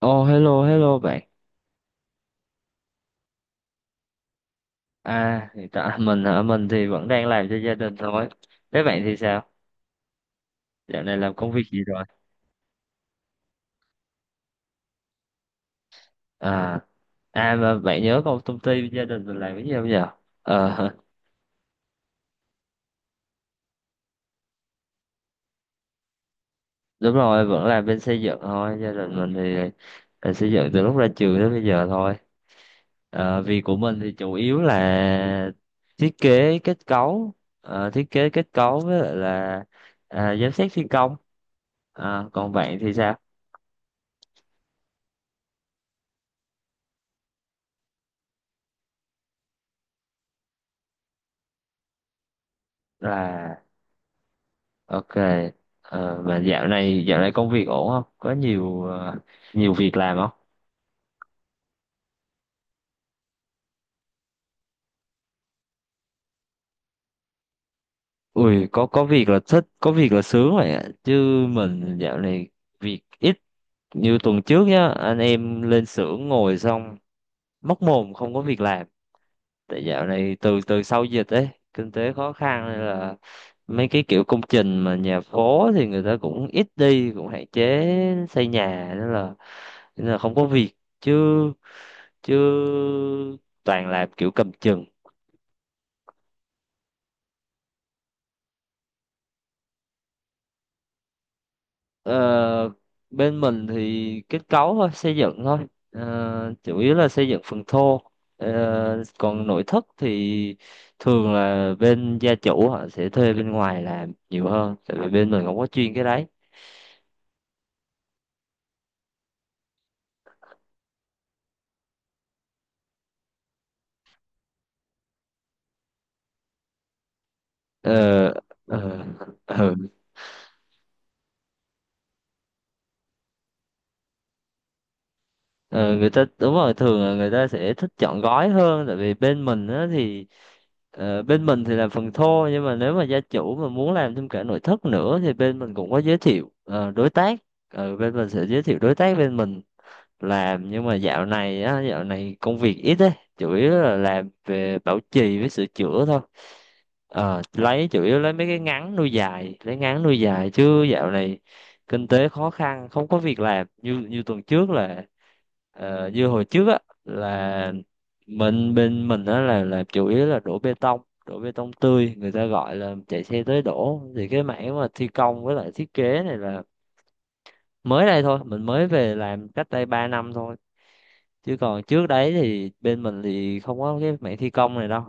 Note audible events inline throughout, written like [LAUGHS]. Oh, hello hello bạn. À, hiện tại mình hả? Mình thì vẫn đang làm cho gia đình thôi. Thế bạn thì sao? Dạo này làm công việc gì rồi? À à, mà bạn nhớ công công ty gia đình mình làm cái gì không giờ? Ờ. [LAUGHS] Đúng rồi, vẫn làm bên xây dựng thôi. Gia đình mình thì là xây dựng từ lúc ra trường đến bây giờ thôi. Ờ, việc của mình thì chủ yếu là thiết kế kết cấu, thiết kế kết cấu với lại là giám sát thi công. À, còn bạn thì sao? Là Ok, mà dạo này công việc ổn không? Có nhiều việc làm không? Ui, có việc là thích, có việc là sướng vậy ạ. Chứ mình dạo này việc ít như tuần trước nhá, anh em lên xưởng ngồi xong móc mồm không có việc làm. Tại dạo này từ từ sau dịch ấy, kinh tế khó khăn nên là mấy cái kiểu công trình mà nhà phố thì người ta cũng ít đi, cũng hạn chế xây nhà nên là không có việc, chứ chứ toàn làm kiểu cầm chừng. Ờ, bên mình thì kết cấu thôi, xây dựng thôi. Ờ, chủ yếu là xây dựng phần thô. Ờ, còn nội thất thì thường là bên gia chủ họ sẽ thuê bên ngoài làm nhiều hơn, tại vì bên mình không có chuyên cái đấy. Ờ, ờ, ừ. Ờ, người ta đúng rồi, thường là người ta sẽ thích chọn gói hơn, tại vì bên mình thì làm phần thô, nhưng mà nếu mà gia chủ mà muốn làm thêm cả nội thất nữa thì bên mình cũng có giới thiệu đối tác. Ờ, bên mình sẽ giới thiệu đối tác bên mình làm, nhưng mà dạo này công việc ít ấy, chủ yếu là làm về bảo trì với sửa chữa thôi. Ờ, chủ yếu lấy mấy cái ngắn nuôi dài, lấy ngắn nuôi dài, chứ dạo này kinh tế khó khăn không có việc làm, như như tuần trước là như hồi trước á, là bên mình á là chủ yếu là đổ bê tông, đổ bê tông tươi người ta gọi là, chạy xe tới đổ. Thì cái mảng mà thi công với lại thiết kế này là mới đây thôi, mình mới về làm cách đây 3 năm thôi, chứ còn trước đấy thì bên mình thì không có cái mảng thi công này đâu.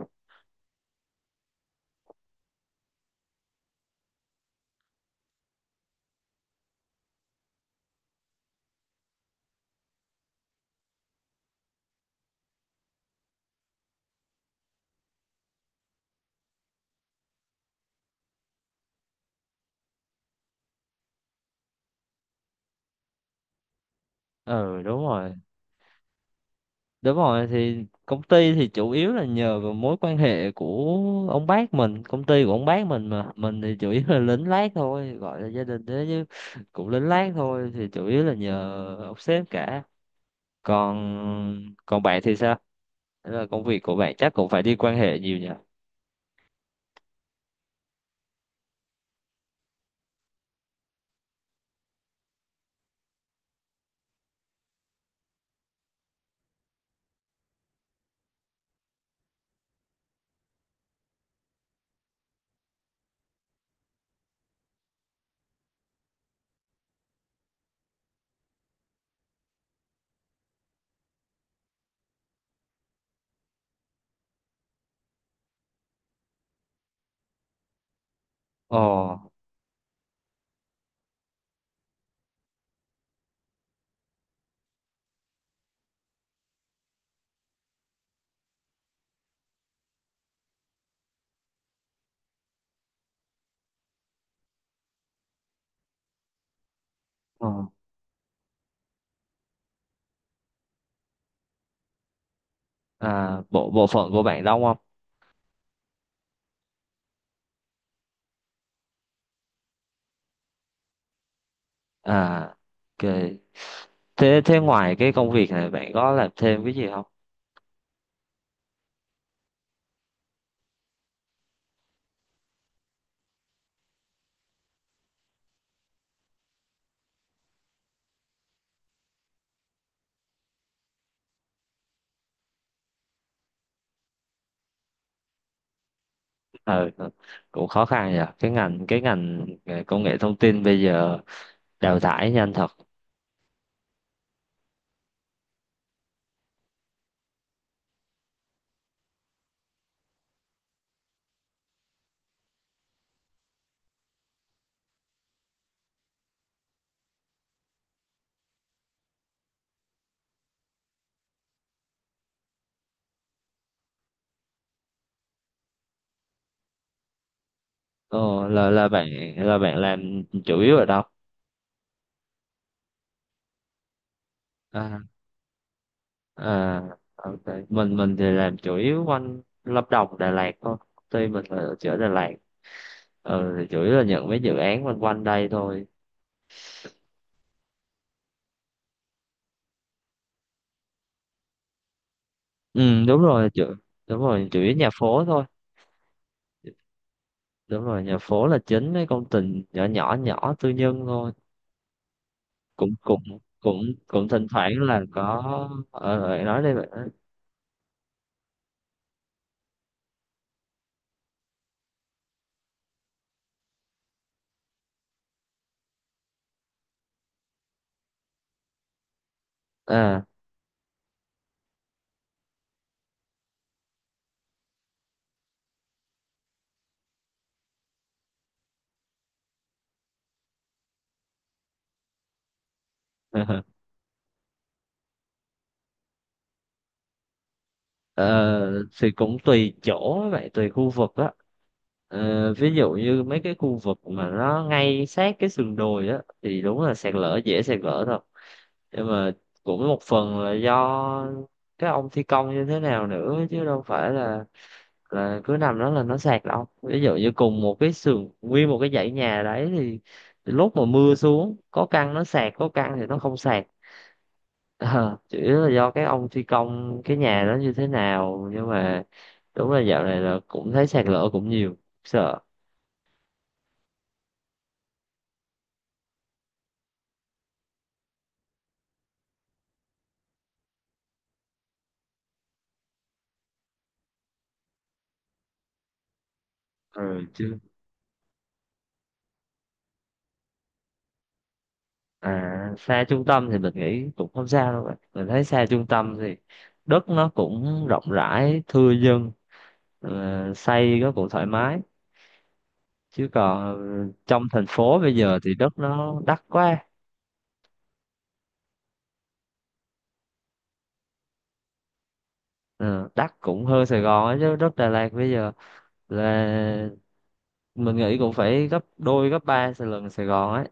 Ừ, đúng rồi. Đúng rồi, thì công ty thì chủ yếu là nhờ vào mối quan hệ của ông bác mình, công ty của ông bác mình, mà mình thì chủ yếu là lính lác thôi, gọi là gia đình thế chứ cũng lính lác thôi, thì chủ yếu là nhờ ông sếp cả. Còn còn bạn thì sao? Thế là công việc của bạn chắc cũng phải đi quan hệ nhiều nhỉ? Ồ, ồ. À, bộ bộ phận của bạn đông không? À, ok. Thế thế ngoài cái công việc này bạn có làm thêm cái gì không? Ờ, ờ, cũng khó khăn nhỉ, cái ngành công nghệ thông tin bây giờ đào thải nhanh thật. Ồ, là bạn làm chủ yếu ở đâu? À, à ok. Mình thì làm chủ yếu quanh Lâm Đồng, Đà Lạt thôi, tuy mình là ở chỗ Đà Lạt. Ừ, thì chủ yếu là nhận mấy dự án quanh quanh đây thôi. Ừ, đúng rồi, đúng rồi chủ yếu nhà phố thôi. Đúng rồi, nhà phố là chính, mấy công trình nhỏ nhỏ nhỏ tư nhân thôi. Cũng cũng cũng cũng thỉnh thoảng là có. Nói đây vậy đó. À. [LAUGHS] ờ, thì cũng tùy chỗ vậy, tùy khu vực á. Ờ, ví dụ như mấy cái khu vực mà nó ngay sát cái sườn đồi á thì đúng là sạt lở, dễ sạt lở thật, nhưng mà cũng một phần là do cái ông thi công như thế nào nữa, chứ đâu phải là cứ nằm đó là nó sạt đâu. Ví dụ như cùng một cái sườn, nguyên một cái dãy nhà đấy thì lúc mà mưa xuống có căn nó sạt, có căn thì nó không sạt. [LAUGHS] Ờ, chủ yếu là do cái ông thi công cái nhà đó như thế nào, nhưng mà đúng là dạo này là cũng thấy sạt lở cũng nhiều, sợ. Ừ, chứ à, xa trung tâm thì mình nghĩ cũng không sao đâu bạn, mình thấy xa trung tâm thì đất nó cũng rộng rãi, thưa dân, ờ, xây nó cũng thoải mái, chứ còn trong thành phố bây giờ thì đất nó đắt quá. Ờ, đắt cũng hơn Sài Gòn ấy chứ, đất Đà Lạt bây giờ là mình nghĩ cũng phải gấp đôi gấp ba lần Sài Gòn ấy.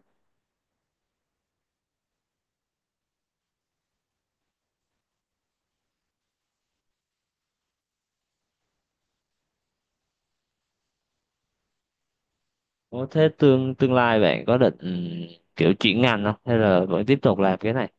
Có thế tương tương lai bạn có định kiểu chuyển ngành không hay là vẫn tiếp tục làm cái này?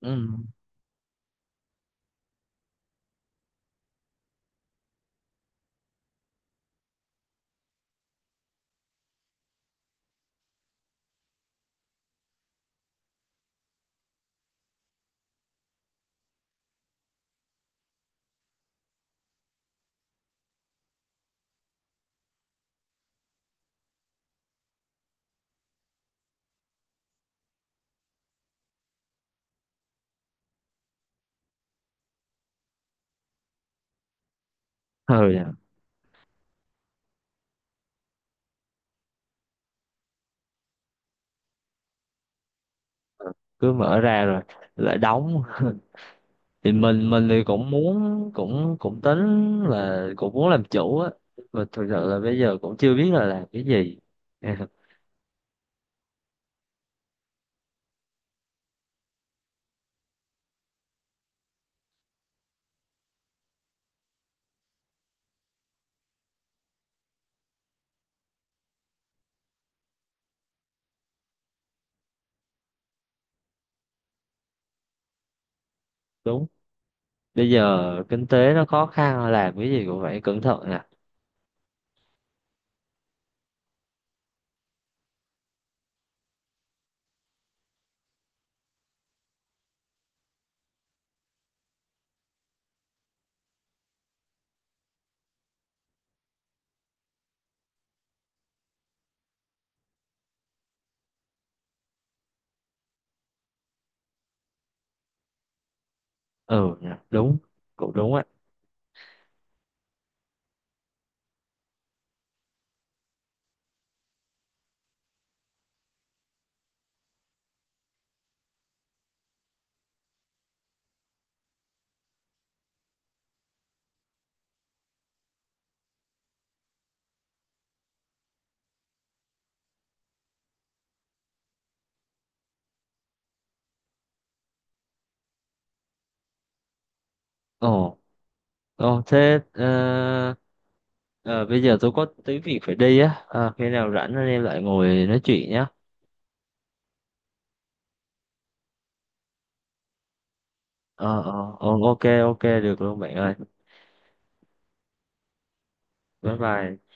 Ừ. Ừ, cứ mở ra rồi lại đóng. [LAUGHS] Thì mình thì cũng muốn, cũng cũng tính là cũng muốn làm chủ á, mà thực sự là bây giờ cũng chưa biết là làm cái gì. [LAUGHS] Đúng, bây giờ kinh tế nó khó khăn làm cái gì cũng phải cẩn thận nè. Ừ nè, đúng, cũng đúng á. Ồ, ồ, thế ờ, bây giờ tôi có tí việc phải đi á. Ờ, khi nào rảnh anh em lại ngồi nói chuyện nhé. Ờ, ờ, ờ, ok ok, được luôn bạn ơi. Bye bye.